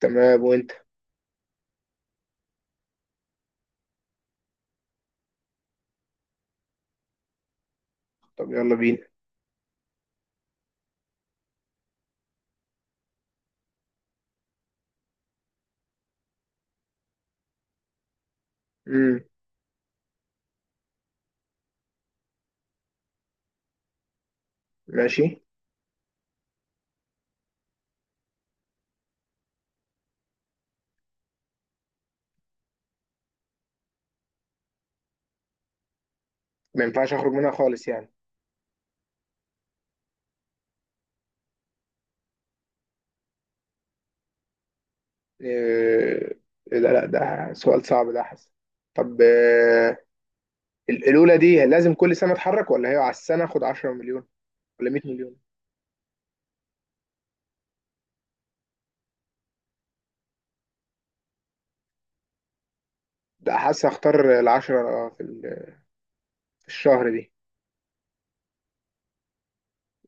تمام وانت. طب يلا بينا. امم. ماشي. ما ينفعش اخرج منها خالص يعني. إيه. لا لا، ده سؤال صعب ده حسن. طب، الاولى دي لازم كل سنه اتحرك ولا هي على السنه اخد 10 مليون ولا 100 مليون؟ ده حاسس اختار العشرة في الشهر دي.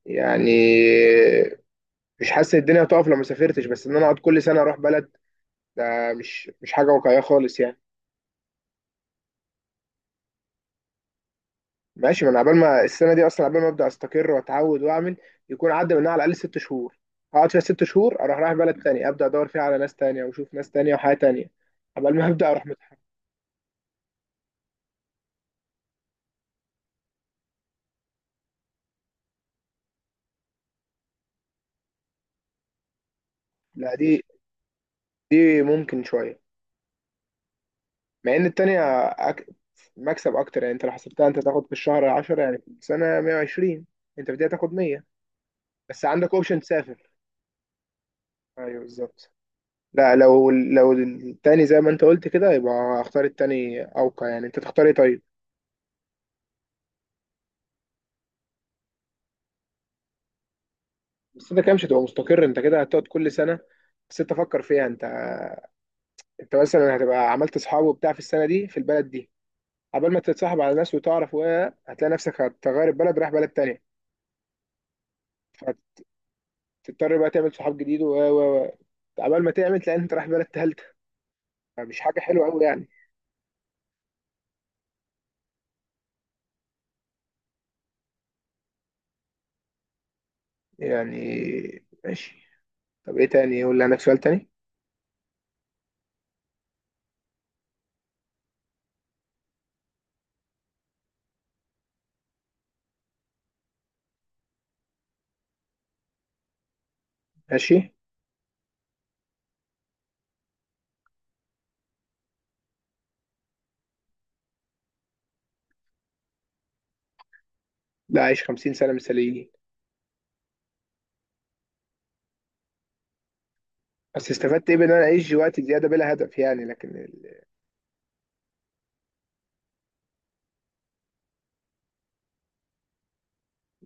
يعني مش حاسس الدنيا هتقف لو ما سافرتش، بس ان انا اقعد كل سنه اروح بلد، ده مش حاجه واقعيه خالص يعني. ماشي، ما انا عبال ما السنه دي اصلا، عبال ما ابدا استقر واتعود واعمل يكون عدى منها على الاقل 6 شهور. اقعد فيها 6 شهور اروح رايح بلد تانية ابدا ادور فيها على ناس تانية واشوف ناس تانية وحياه تانية عبال ما ابدا اروح متحف. لا، دي ممكن شويه. مع ان التانية أك... مكسب اكتر، يعني انت لو حسبتها انت تاخد في الشهر 10، يعني في السنه 120، انت بدأت تاخد 100، بس عندك اوبشن تسافر. ايوه بالظبط. لا، لو التاني زي ما انت قلت كده يبقى اختار التاني اوقع. يعني انت تختار ايه طيب؟ بس انت كده مش هتبقى مستقر، انت كده هتقعد كل سنه. بس انت فكر فيها، انت انت مثلا هتبقى عملت اصحاب وبتاع في السنه دي في البلد دي قبل ما تتصاحب على ناس وتعرف، و هتلاقي نفسك هتغير البلد رايح بلد تانية. فتضطر بقى تعمل صحاب جديد و قبل ما تعمل تلاقي انت رايح بلد تالتة. فمش حاجه حلوه قوي يعني. يعني ماشي. طب ايه تاني؟ يقول لي عندك سؤال تاني. ماشي. لا، عيش 50 سنه مثاليين. بس استفدت ايه بان انا اعيش وقت زياده بلا هدف؟ يعني لكن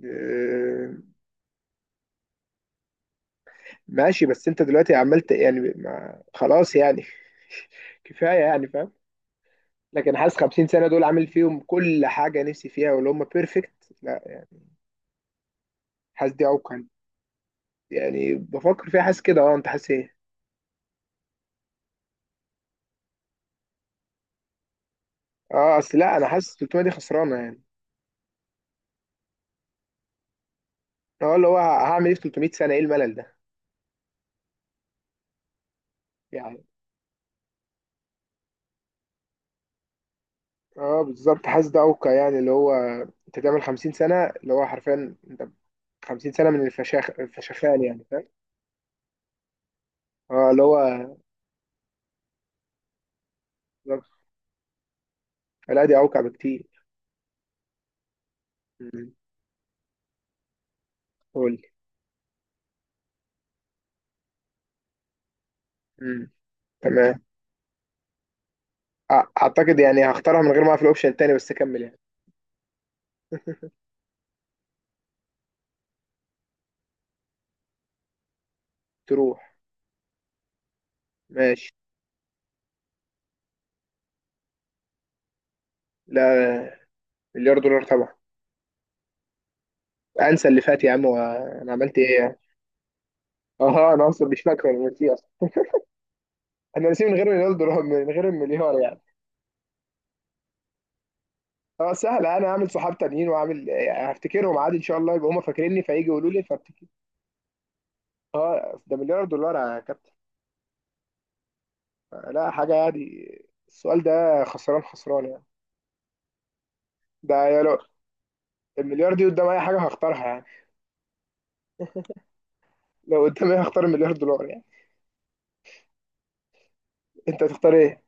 آه، ماشي. بس انت دلوقتي عملت يعني، ما خلاص يعني. كفايه يعني، فاهم؟ لكن حاسس 50 سنه دول عامل فيهم كل حاجه نفسي فيها واللي هم بيرفكت. لا يعني، حاسس دي عوق عندي. يعني بفكر فيها حاسس كده، اه. انت حاسس ايه؟ اه اصل لا، انا حاسس 300 دي خسرانه يعني. اه اللي هو هعمل ايه في 300 سنه؟ ايه الملل ده؟ يعني اه بالظبط، حاسس ده عوق يعني اللي هو انت تعمل 50 سنه، اللي هو حرفيا انت 50 سنه من الفشاخ الفشخان يعني، فاهم؟ اه اللي هو بالظبط. لا دي اوقع بكتير. مم. قول. مم. تمام. اعتقد يعني هختارها من غير ما اعرف الاوبشن التاني، بس اكمل يعني. تروح. ماشي. لا، مليار دولار طبعا. انسى اللي فات يا عم، وانا عملت ايه يعني؟ اه انا اصلا مش فاكر، انا نسيه اصلا. انا نسيه من غير مليار دولار، من غير المليار يعني. اه سهل، انا هعمل صحاب تانيين واعمل يعني، هفتكرهم عادي ان شاء الله، يبقوا هم فاكريني فيجي يقولوا لي فافتكر. اه ده مليار دولار يا كابتن، لا حاجه عادي. السؤال ده خسران خسران يعني. ده يا لو المليار دي قدام اي حاجه هختارها يعني، لو قدامي هختار المليار دولار يعني. انت هتختار ايه؟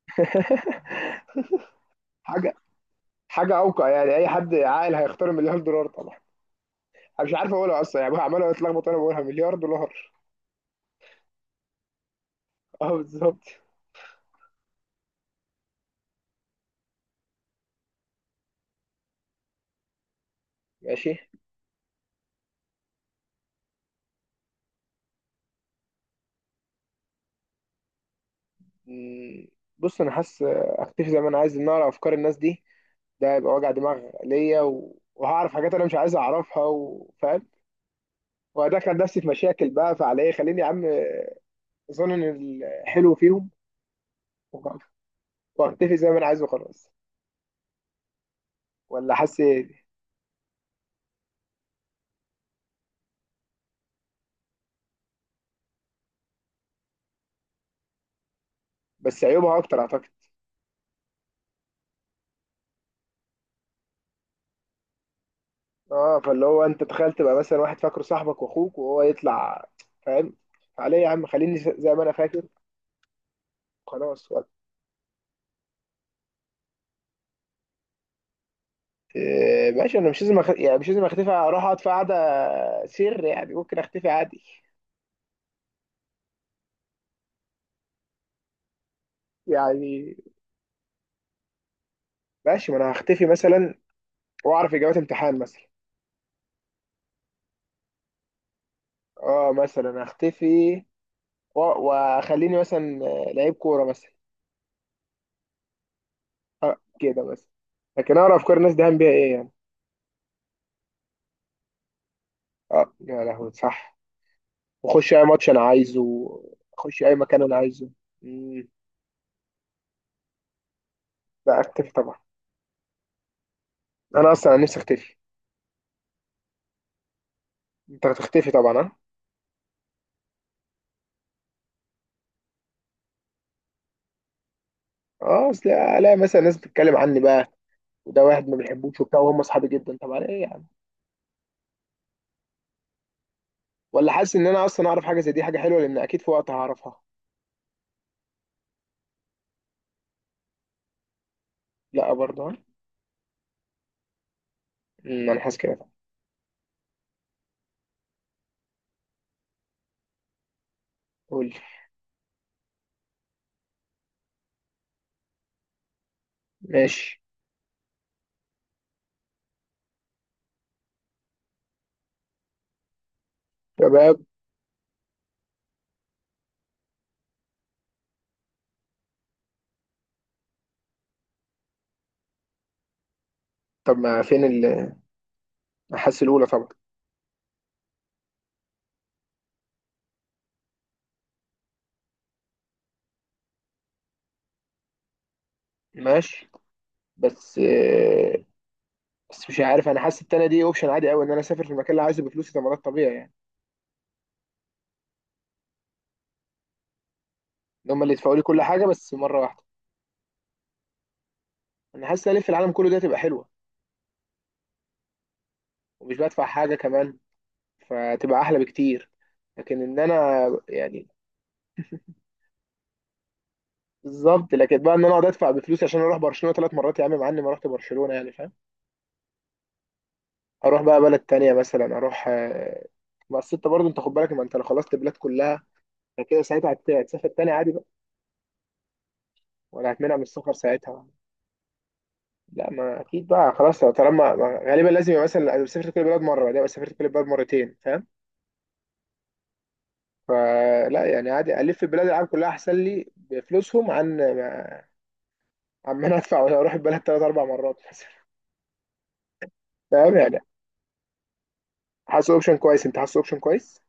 حاجه حاجه اوقع يعني، اي حد عاقل هيختار مليار دولار طبعا. انا مش عارف اقولها اصلا يعني، عمال اتلخبط وانا بقولها مليار دولار. اه بالظبط. ماشي. مم، بص انا حاسس اختفي زي ما انا عايز ان اقرا افكار الناس دي، ده هيبقى وجع دماغ ليا وهعرف حاجات انا مش عايز اعرفها، وفاهم وهدخل نفسي في مشاكل بقى، فعلى ايه خليني يا عم. اظن ان الحلو فيهم وخلاص. واختفي زي ما انا عايز وخلاص. ولا حاسس ايه؟ بس عيوبها اكتر اعتقد. اه فاللي هو انت تخيل تبقى مثلا واحد فاكره صاحبك واخوك وهو يطلع، فاهم؟ فعليه يا عم خليني زي ما انا فاكر، خلاص وقت. ماشي، انا مش لازم يعني مش لازم اختفي اروح اقعد في قعده سر يعني، ممكن اختفي عادي. يعني ماشي، ما انا هختفي مثلا واعرف اجابات امتحان مثلا. اه مثلا هختفي و- واخليني مثلا لعيب كوره مثلا، آه كده مثلا. لكن اعرف افكار الناس دهان بيها ايه يعني؟ اه يا لهوي صح، واخش اي ماتش انا عايزه، اخش اي مكان انا عايزه. مم. لا اختفي طبعا، انا اصلا نفسي اختفي. انت هتختفي طبعا، ها؟ اه اصل الاقي مثلا ناس بتتكلم عني بقى، وده واحد ما بيحبوش وبتاع وهم اصحابي جدا، طب على ايه يعني؟ ولا حاسس ان انا اصلا اعرف حاجه زي دي حاجه حلوه، لان اكيد في وقت هعرفها. لا برضه ها؟ انا حاسس كده. قول لي. ماشي شباب. طب ما فين حاسس الاولى طبعا. ماشي، بس آه، بس مش عارف، انا حاسس التانية دي اوبشن عادي قوي ان انا اسافر في المكان اللي عايزه بفلوسي ده مرات طبيعي يعني. ان هم اللي يدفعوا لي كل حاجه بس مره واحده. انا حاسس ان الف العالم كله دي هتبقى حلوه ومش بدفع حاجه كمان، فتبقى احلى بكتير. لكن ان انا يعني بالظبط. لكن بقى ان انا اقعد ادفع بفلوس عشان اروح برشلونه ثلاث مرات يا عم، مع اني ما رحت برشلونه يعني، فاهم؟ اروح بقى بلد تانية مثلا اروح آه، بس انت برضه انت خد بالك، ما انت لو خلصت البلاد كلها فكده ساعتها هتسافر تاني عادي بقى، ولا هتمنع من السفر ساعتها؟ لا، ما اكيد بقى خلاص، طالما غالبا لازم يبقى مثلا أنا سافرت كل البلاد مره، بعدين أبقى سافرت كل البلاد مرتين، فاهم؟ فلا يعني عادي الف بلاد العالم كلها احسن لي بفلوسهم، عن ما انا ادفع ولا اروح البلد ثلاث اربع مرات مثلا، فاهم يعني؟ حاسس اوبشن كويس. انت حاسس اوبشن كويس.